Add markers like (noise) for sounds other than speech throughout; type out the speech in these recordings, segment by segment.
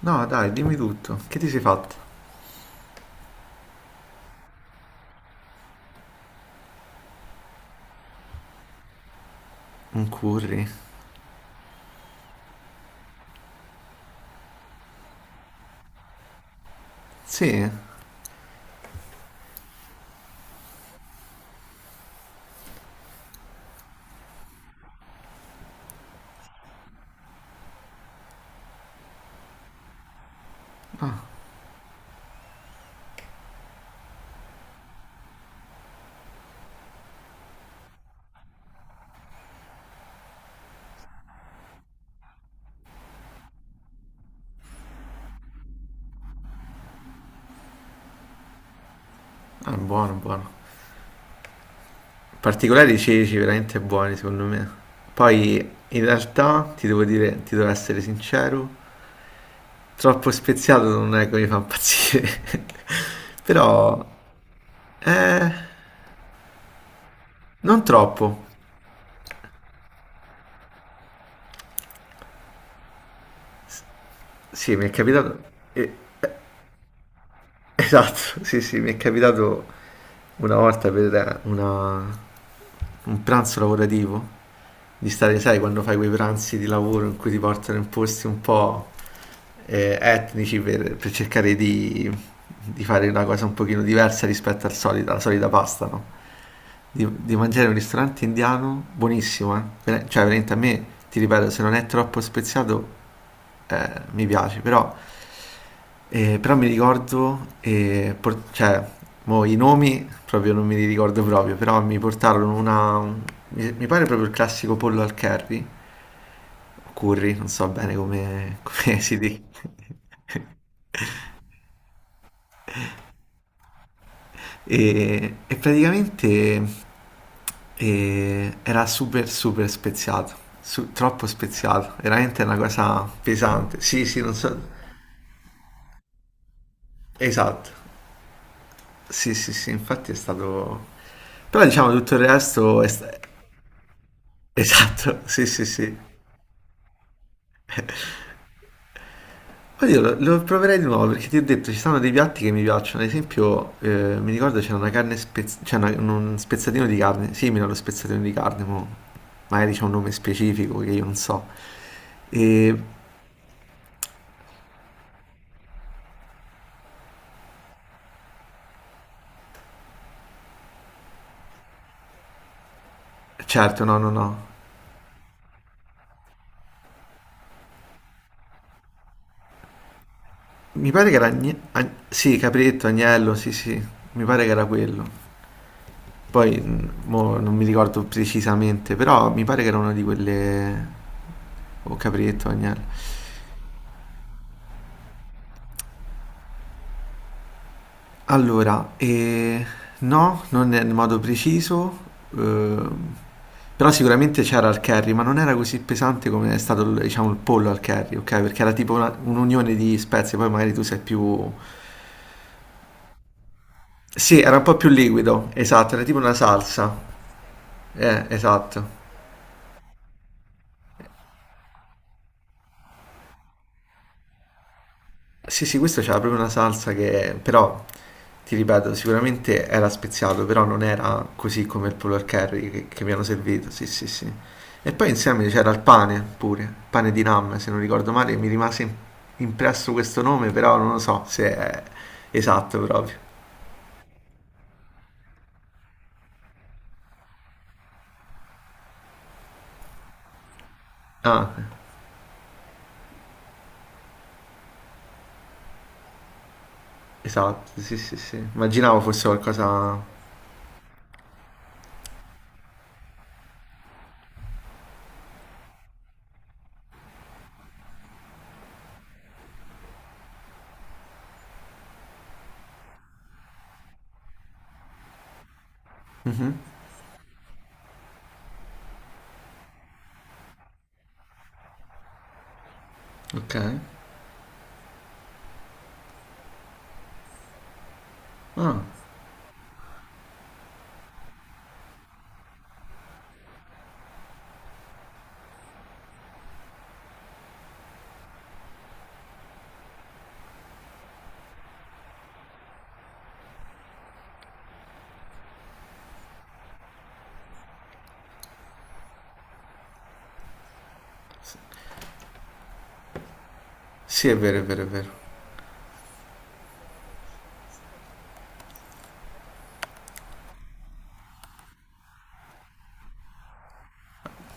No, dai, dimmi tutto. Che ti sei fatto? Un curry? Sì, è buono, buono. Particolari i ceci, veramente buoni, secondo me. Poi, in realtà, ti devo dire, ti devo essere sincero, troppo speziato non è che mi fa impazzire. (laughs) Però, eh, non troppo. Sì, mi è capitato. eh, eh, Esatto, sì, sì, mi è capitato una volta per un pranzo lavorativo, di stare, sai, quando fai quei pranzi di lavoro in cui ti portano in posti un po' etnici per cercare di fare una cosa un pochino diversa rispetto al solito, alla solita pasta, no? Di mangiare in un ristorante indiano buonissimo, eh. Cioè, veramente a me, ti ripeto, se non è troppo speziato, mi piace, però mi ricordo, cioè, mo i nomi proprio non me li ricordo proprio, però mi portarono mi pare proprio il classico pollo al curry, o curry, non so bene come (laughs) si dica. E praticamente era super super speziato, troppo speziato, veramente una cosa pesante. Sì, sì, non so, esatto, sì, sì, sì, infatti è stato. Però diciamo tutto il resto è. Esatto, sì, sì, sì. Poi io lo proverei di nuovo perché ti ho detto ci sono dei piatti che mi piacciono. Ad esempio, mi ricordo c'era una carne c'è un spezzatino di carne, simile allo spezzatino di carne, mo magari c'è un nome specifico che io non so. E certo, no, no, no. Mi pare che era sì, capretto, agnello, sì, sì, mi pare che era quello. Poi mo non mi ricordo precisamente, però mi pare che era una di quelle o capretto, agnello. Allora, no, non nel modo preciso, ehm, però sicuramente c'era al curry, ma non era così pesante come è stato, diciamo, il pollo al curry, ok? Perché era tipo un'unione di spezie, poi magari tu sei più. Sì, era un po' più liquido, esatto, era tipo una salsa, esatto. Sì, sì, questo c'era proprio una salsa che, però, ti ripeto, sicuramente era speziato, però non era così come il pollo al curry che mi hanno servito, sì, sì, sì. E poi insieme c'era il pane pure, pane di Nam, se non ricordo male, mi rimase impresso questo nome, però non lo so se è esatto proprio. Ah, esatto, sì, sì, sì. Immaginavo fosse qualcosa. Ok. Ah, sì, è vero, è vero, è vero.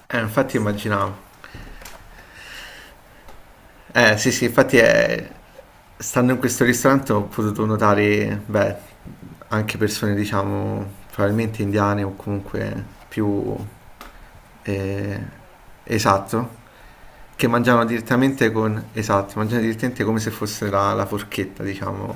Infatti immaginavo. Sì, sì, infatti è. Stando in questo ristorante ho potuto notare, beh, anche persone, diciamo, probabilmente indiane o comunque più eh, esatto, che mangiano direttamente con, esatto, mangiano direttamente come se fosse la forchetta, diciamo,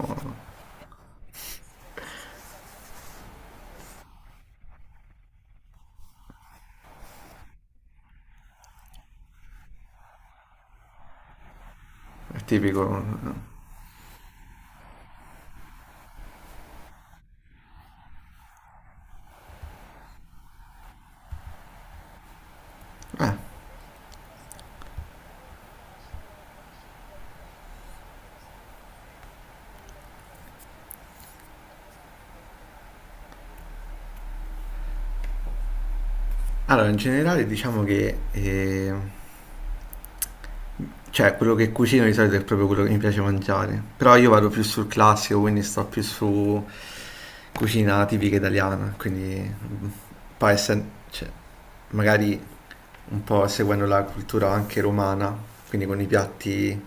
è tipico. Allora, in generale diciamo che cioè, quello che cucino di solito è proprio quello che mi piace mangiare. Però io vado più sul classico, quindi sto più su cucina tipica italiana. Quindi, poi cioè, magari un po' seguendo la cultura anche romana, quindi con i piatti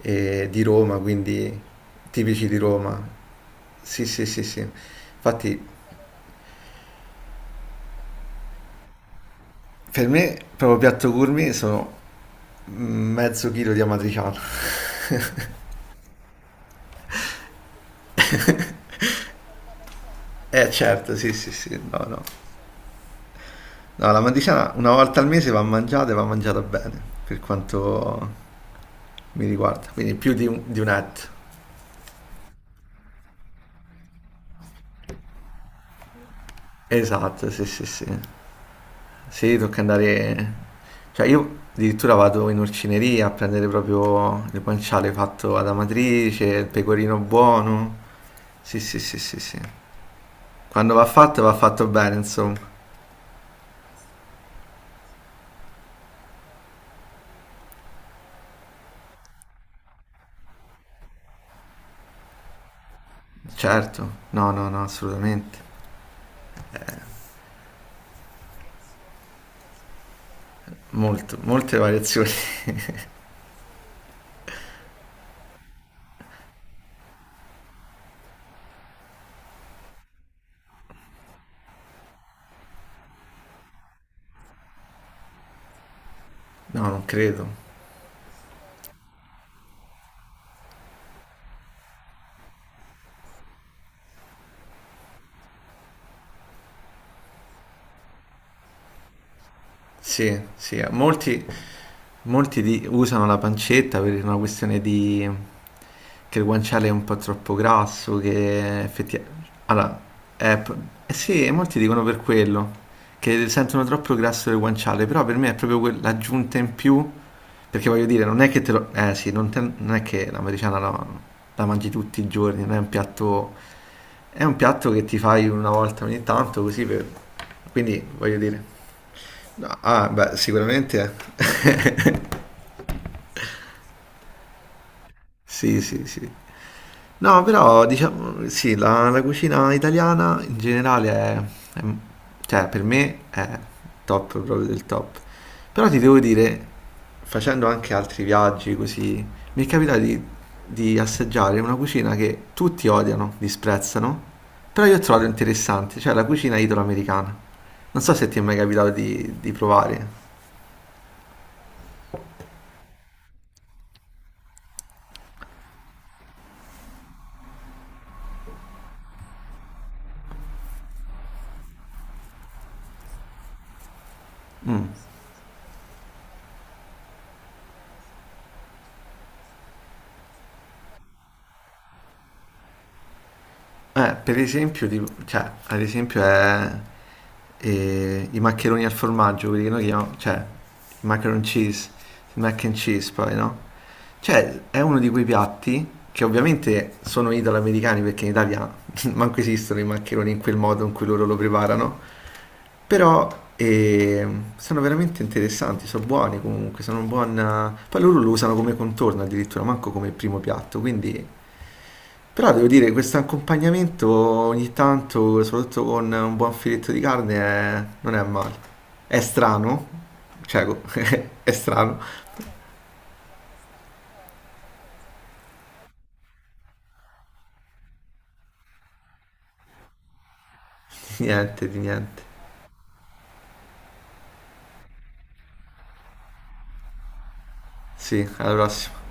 di Roma, quindi tipici di Roma. Sì, sì, sì, sì. Infatti, per me, proprio piatto gourmet sono mezzo chilo di amatriciano. (laughs) Certo, sì, sì, sì, no, no. No, la matriciana una volta al mese va mangiata e va mangiata bene, per quanto mi riguarda, quindi più di un etto. Esatto, sì, sì, sì. Sì, tocca andare. Cioè io addirittura vado in orcineria a prendere proprio il guanciale fatto ad Amatrice, il pecorino buono. Sì, sì, sì, sì, sì. Quando va fatto bene, insomma. Certo, no, no, no, assolutamente. Molto, molte variazioni. (laughs) No, non credo. Sì, sì, molti. Molti usano la pancetta per una questione di che il guanciale è un po' troppo grasso, che effettivamente. Allora, è pro- eh sì, molti dicono per quello, che sentono troppo grasso il guanciale, però per me è proprio l'aggiunta in più, perché voglio dire, non è che te lo. Eh sì, non è che l'americana la mangi tutti i giorni, non è un piatto. È un piatto che ti fai una volta ogni tanto, così per. Quindi, voglio dire. No, ah, beh, sicuramente. (laughs) Sì, sì, sì. No, però diciamo sì, la cucina italiana in generale è- cioè per me è top, proprio del top. Però ti devo dire, facendo anche altri viaggi così, mi è capitato di assaggiare una cucina che tutti odiano, disprezzano, però io ho trovato interessante, cioè la cucina italoamericana. Non so se ti è mai capitato di provare. Mm. Per esempio, tipo, cioè, ad esempio è i maccheroni al formaggio, quelli che noi chiamiamo, cioè, i macaron cheese, il mac and cheese poi, no? Cioè, è uno di quei piatti che ovviamente sono italo-americani perché in Italia (laughs) manco esistono i maccheroni in quel modo in cui loro lo preparano, però eh, sono veramente interessanti, sono buoni comunque, sono un buon. Poi loro lo usano come contorno addirittura, manco come primo piatto, quindi però devo dire, questo accompagnamento ogni tanto, soprattutto con un buon filetto di carne, non è male. È strano, cioè, (laughs) è strano. Niente, di niente. Sì, alla prossima.